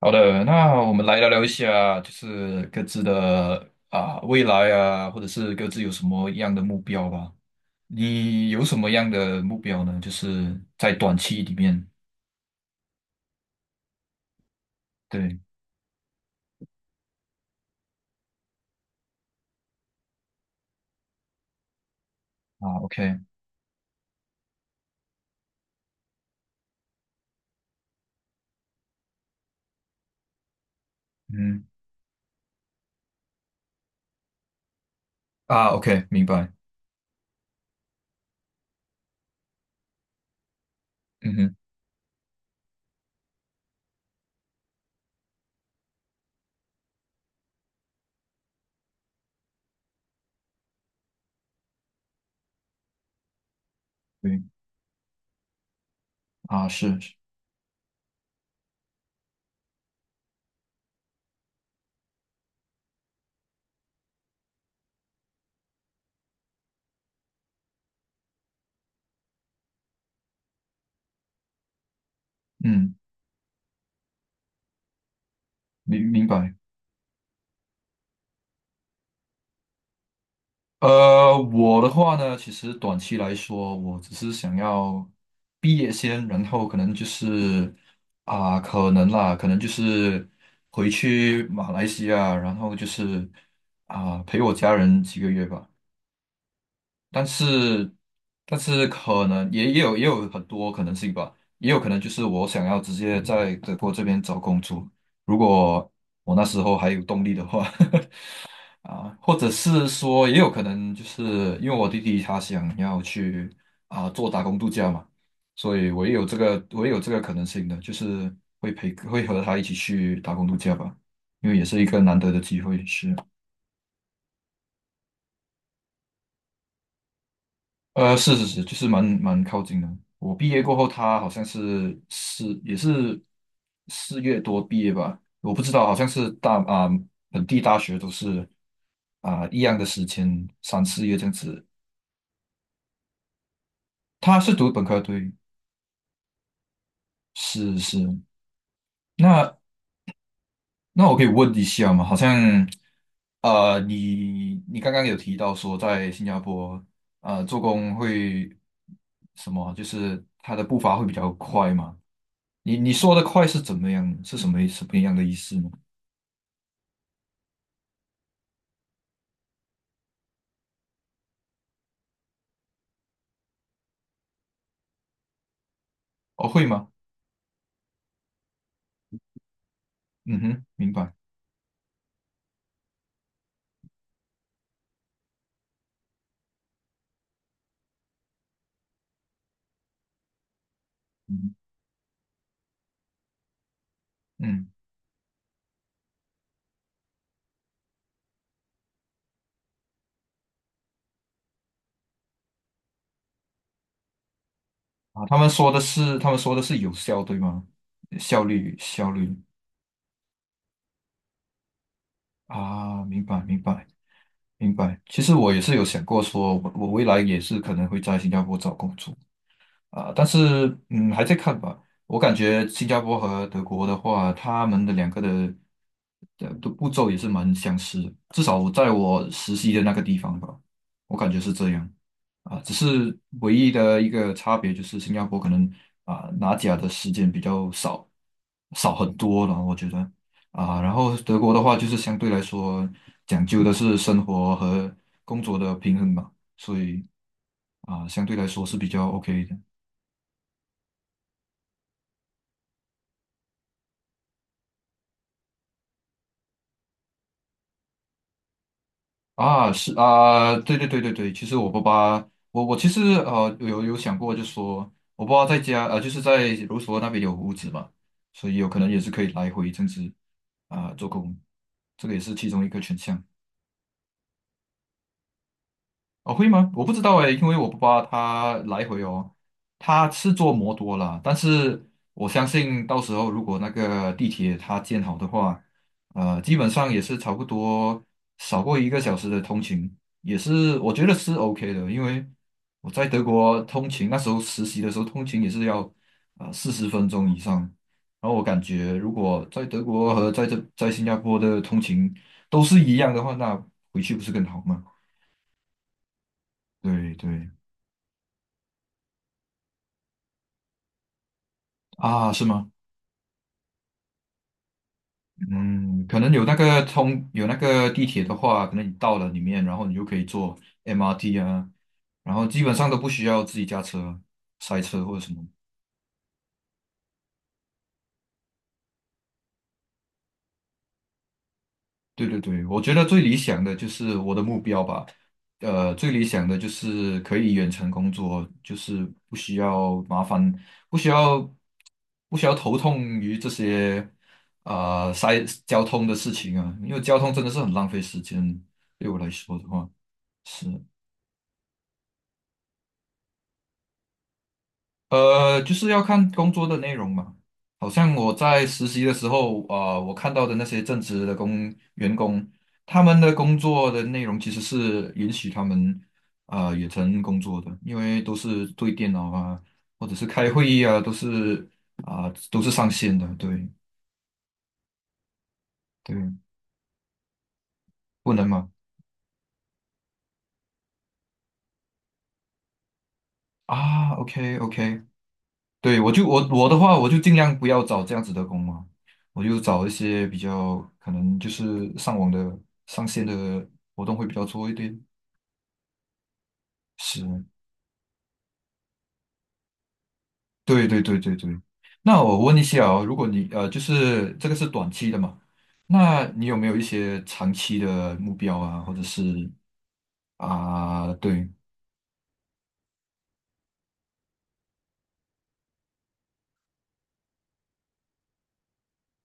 好的，那我们来聊聊一下，就是各自的啊未来啊，或者是各自有什么样的目标吧。你有什么样的目标呢？就是在短期里面，对啊，OK，嗯啊，OK，明白，嗯哼，对啊，是，是嗯，明白。我的话呢，其实短期来说，我只是想要毕业先，然后可能就是可能啦，可能就是回去马来西亚，然后就是陪我家人几个月吧。但是，可能也有很多可能性吧，也有可能就是我想要直接在德国这边找工作，如果我那时候还有动力的话。啊，或者是说，也有可能就是因为我弟弟他想要去做打工度假嘛，所以我也有这个可能性的，就是会和他一起去打工度假吧，因为也是一个难得的机会，是，是是是，就是蛮靠近的。我毕业过后，他好像也是4月多毕业吧，我不知道，好像是大啊本地大学都是一样的时间，3、4月这样子。他是读本科，对，是是，那那我可以问一下吗？好像你刚刚有提到说在新加坡做工会什么，就是他的步伐会比较快吗？你说的快是怎么样？是什么样的意思呢？哦，会吗？嗯哼，明白。嗯嗯啊，他们说的是有效，对吗？效率效率啊，明白明白明白。其实我也是有想过说，我未来也是可能会在新加坡找工作。但是，还在看吧。我感觉新加坡和德国的话，他们的2个的步骤也是蛮相似的，至少在我实习的那个地方吧，我感觉是这样。只是唯一的一个差别就是新加坡可能拿奖的时间比较少，少很多了，我觉得啊。然后德国的话，就是相对来说讲究的是生活和工作的平衡吧，所以相对来说是比较 OK 的。啊，是啊，对对对对对，其实我爸爸，我其实有想过，就说我爸爸在家就是在卢梭那边有屋子嘛，所以有可能也是可以来回这样子做工，这个也是其中一个选项。哦，会吗？我不知道哎，因为我不爸他来回哦。他是坐摩托啦，但是我相信到时候如果那个地铁它建好的话，基本上也是差不多少过一个小时的通勤，也是我觉得是 OK 的，因为我在德国通勤那时候实习的时候通勤也是要40分钟以上，然后我感觉如果在德国和在新加坡的通勤都是一样的话，那回去不是更好吗？对对。啊，是吗？嗯，可能有那个地铁的话，可能你到了里面，然后你就可以坐 MRT 啊，然后基本上都不需要自己驾车、塞车或者什么。对对对，我觉得最理想的就是我的目标吧，最理想的就是可以远程工作，就是不需要麻烦，不需要不需要头痛于这些塞交通的事情啊，因为交通真的是很浪费时间，对我来说的话是。就是要看工作的内容嘛。好像我在实习的时候，我看到的那些正职的员工，他们的工作的内容其实是允许他们远程工作的，因为都是对电脑啊，或者是开会议啊，都是上线的。对对，不能吗？啊，OK OK，对，我的话，我就尽量不要找这样子的工嘛，我就找一些比较可能就是上网的上线的活动会比较多一点。是，对对对对对。那我问一下哦，如果你就是这个是短期的嘛，那你有没有一些长期的目标啊，或者是对，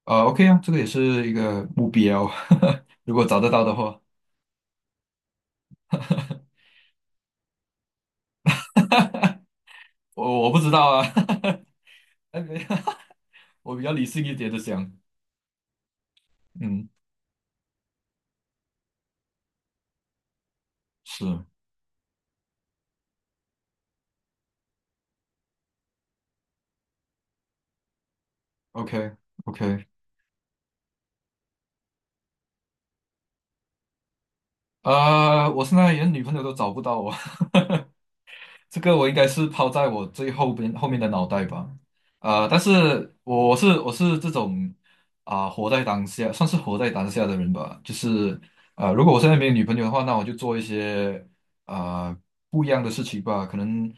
啊 OK 啊，这个也是一个目标，如果找得到的话，我不知道啊，哎没 有，我比较理性一点的想，嗯，是。OK OK，啊，我现在连女朋友都找不到我，这个我应该是抛在我最后边后面的脑袋吧。但是我是这种活在当下，算是活在当下的人吧。就是如果我现在没有女朋友的话，那我就做一些啊、不一样的事情吧。可能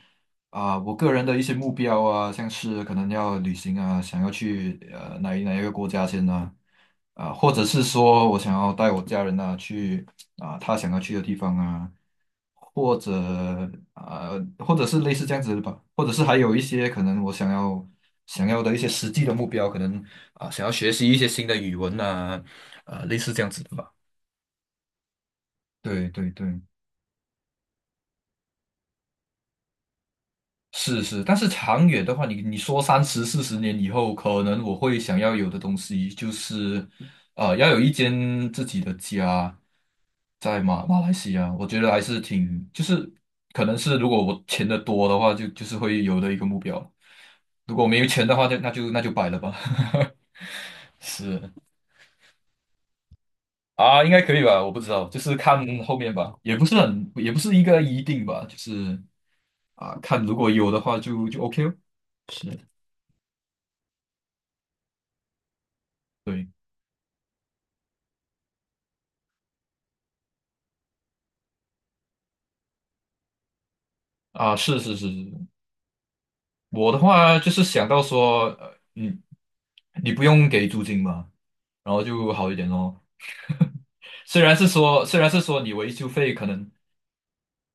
啊，我个人的一些目标啊，像是可能要旅行啊，想要去哪一个国家先呢、或者是说我想要带我家人啊去他想要去的地方啊，或者啊、或者是类似这样子的吧，或者是还有一些可能我想要的一些实际的目标，可能想要学习一些新的语文啊，类似这样子的吧。对对对。是是，但是长远的话，你说30、40年以后，可能我会想要有的东西就是，要有一间自己的家，在马来西亚，我觉得还是挺，就是可能是如果我钱的多的话，就是会有的一个目标。如果没有钱的话，就那就那就摆了吧。是啊，应该可以吧？我不知道，就是看后面吧，也不是很，也不是一个一定吧，就是啊，看如果有的话就 OK 哦。是。对。啊，是是是是，我的话就是想到说，你不用给租金嘛，然后就好一点咯。虽然是说你维修费可能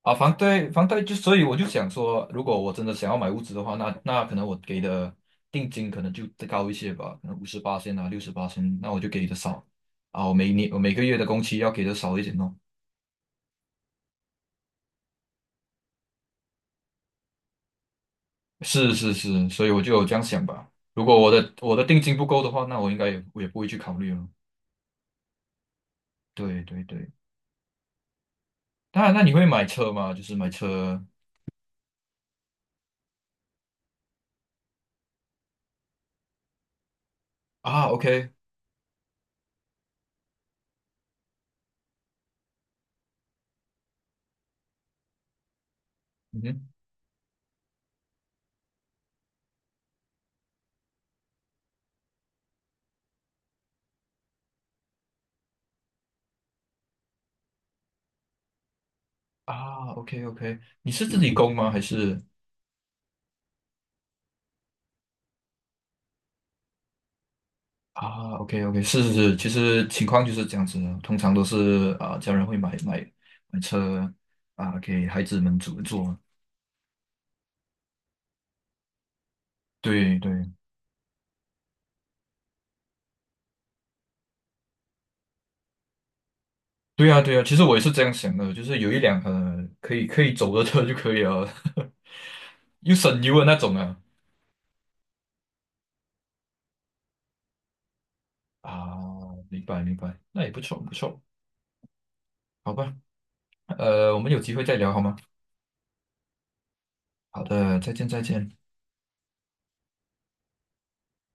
啊，房贷房贷就，所以我就想说，如果我真的想要买屋子的话，那可能我给的定金可能就再高一些吧，可能58,000啊，68,000，那我就给的少啊，我每个月的工期要给的少一点咯。是是是，所以我就有这样想吧。如果我的定金不够的话，那我应该也不会去考虑了。对对对。当然，那你会买车吗？就是买车啊，OK，嗯哼，啊，OK OK，你是自己供吗？还是啊，OK OK，是是是，其实情况就是这样子的，通常都是啊，家人会买车啊，给孩子们坐坐。对对对啊对啊，其实我也是这样想的，就是有一辆可以走的车就可以了，又省油的那种啊。啊，明白明白，那也不错不错，好吧，我们有机会再聊好吗？好的，再见再见。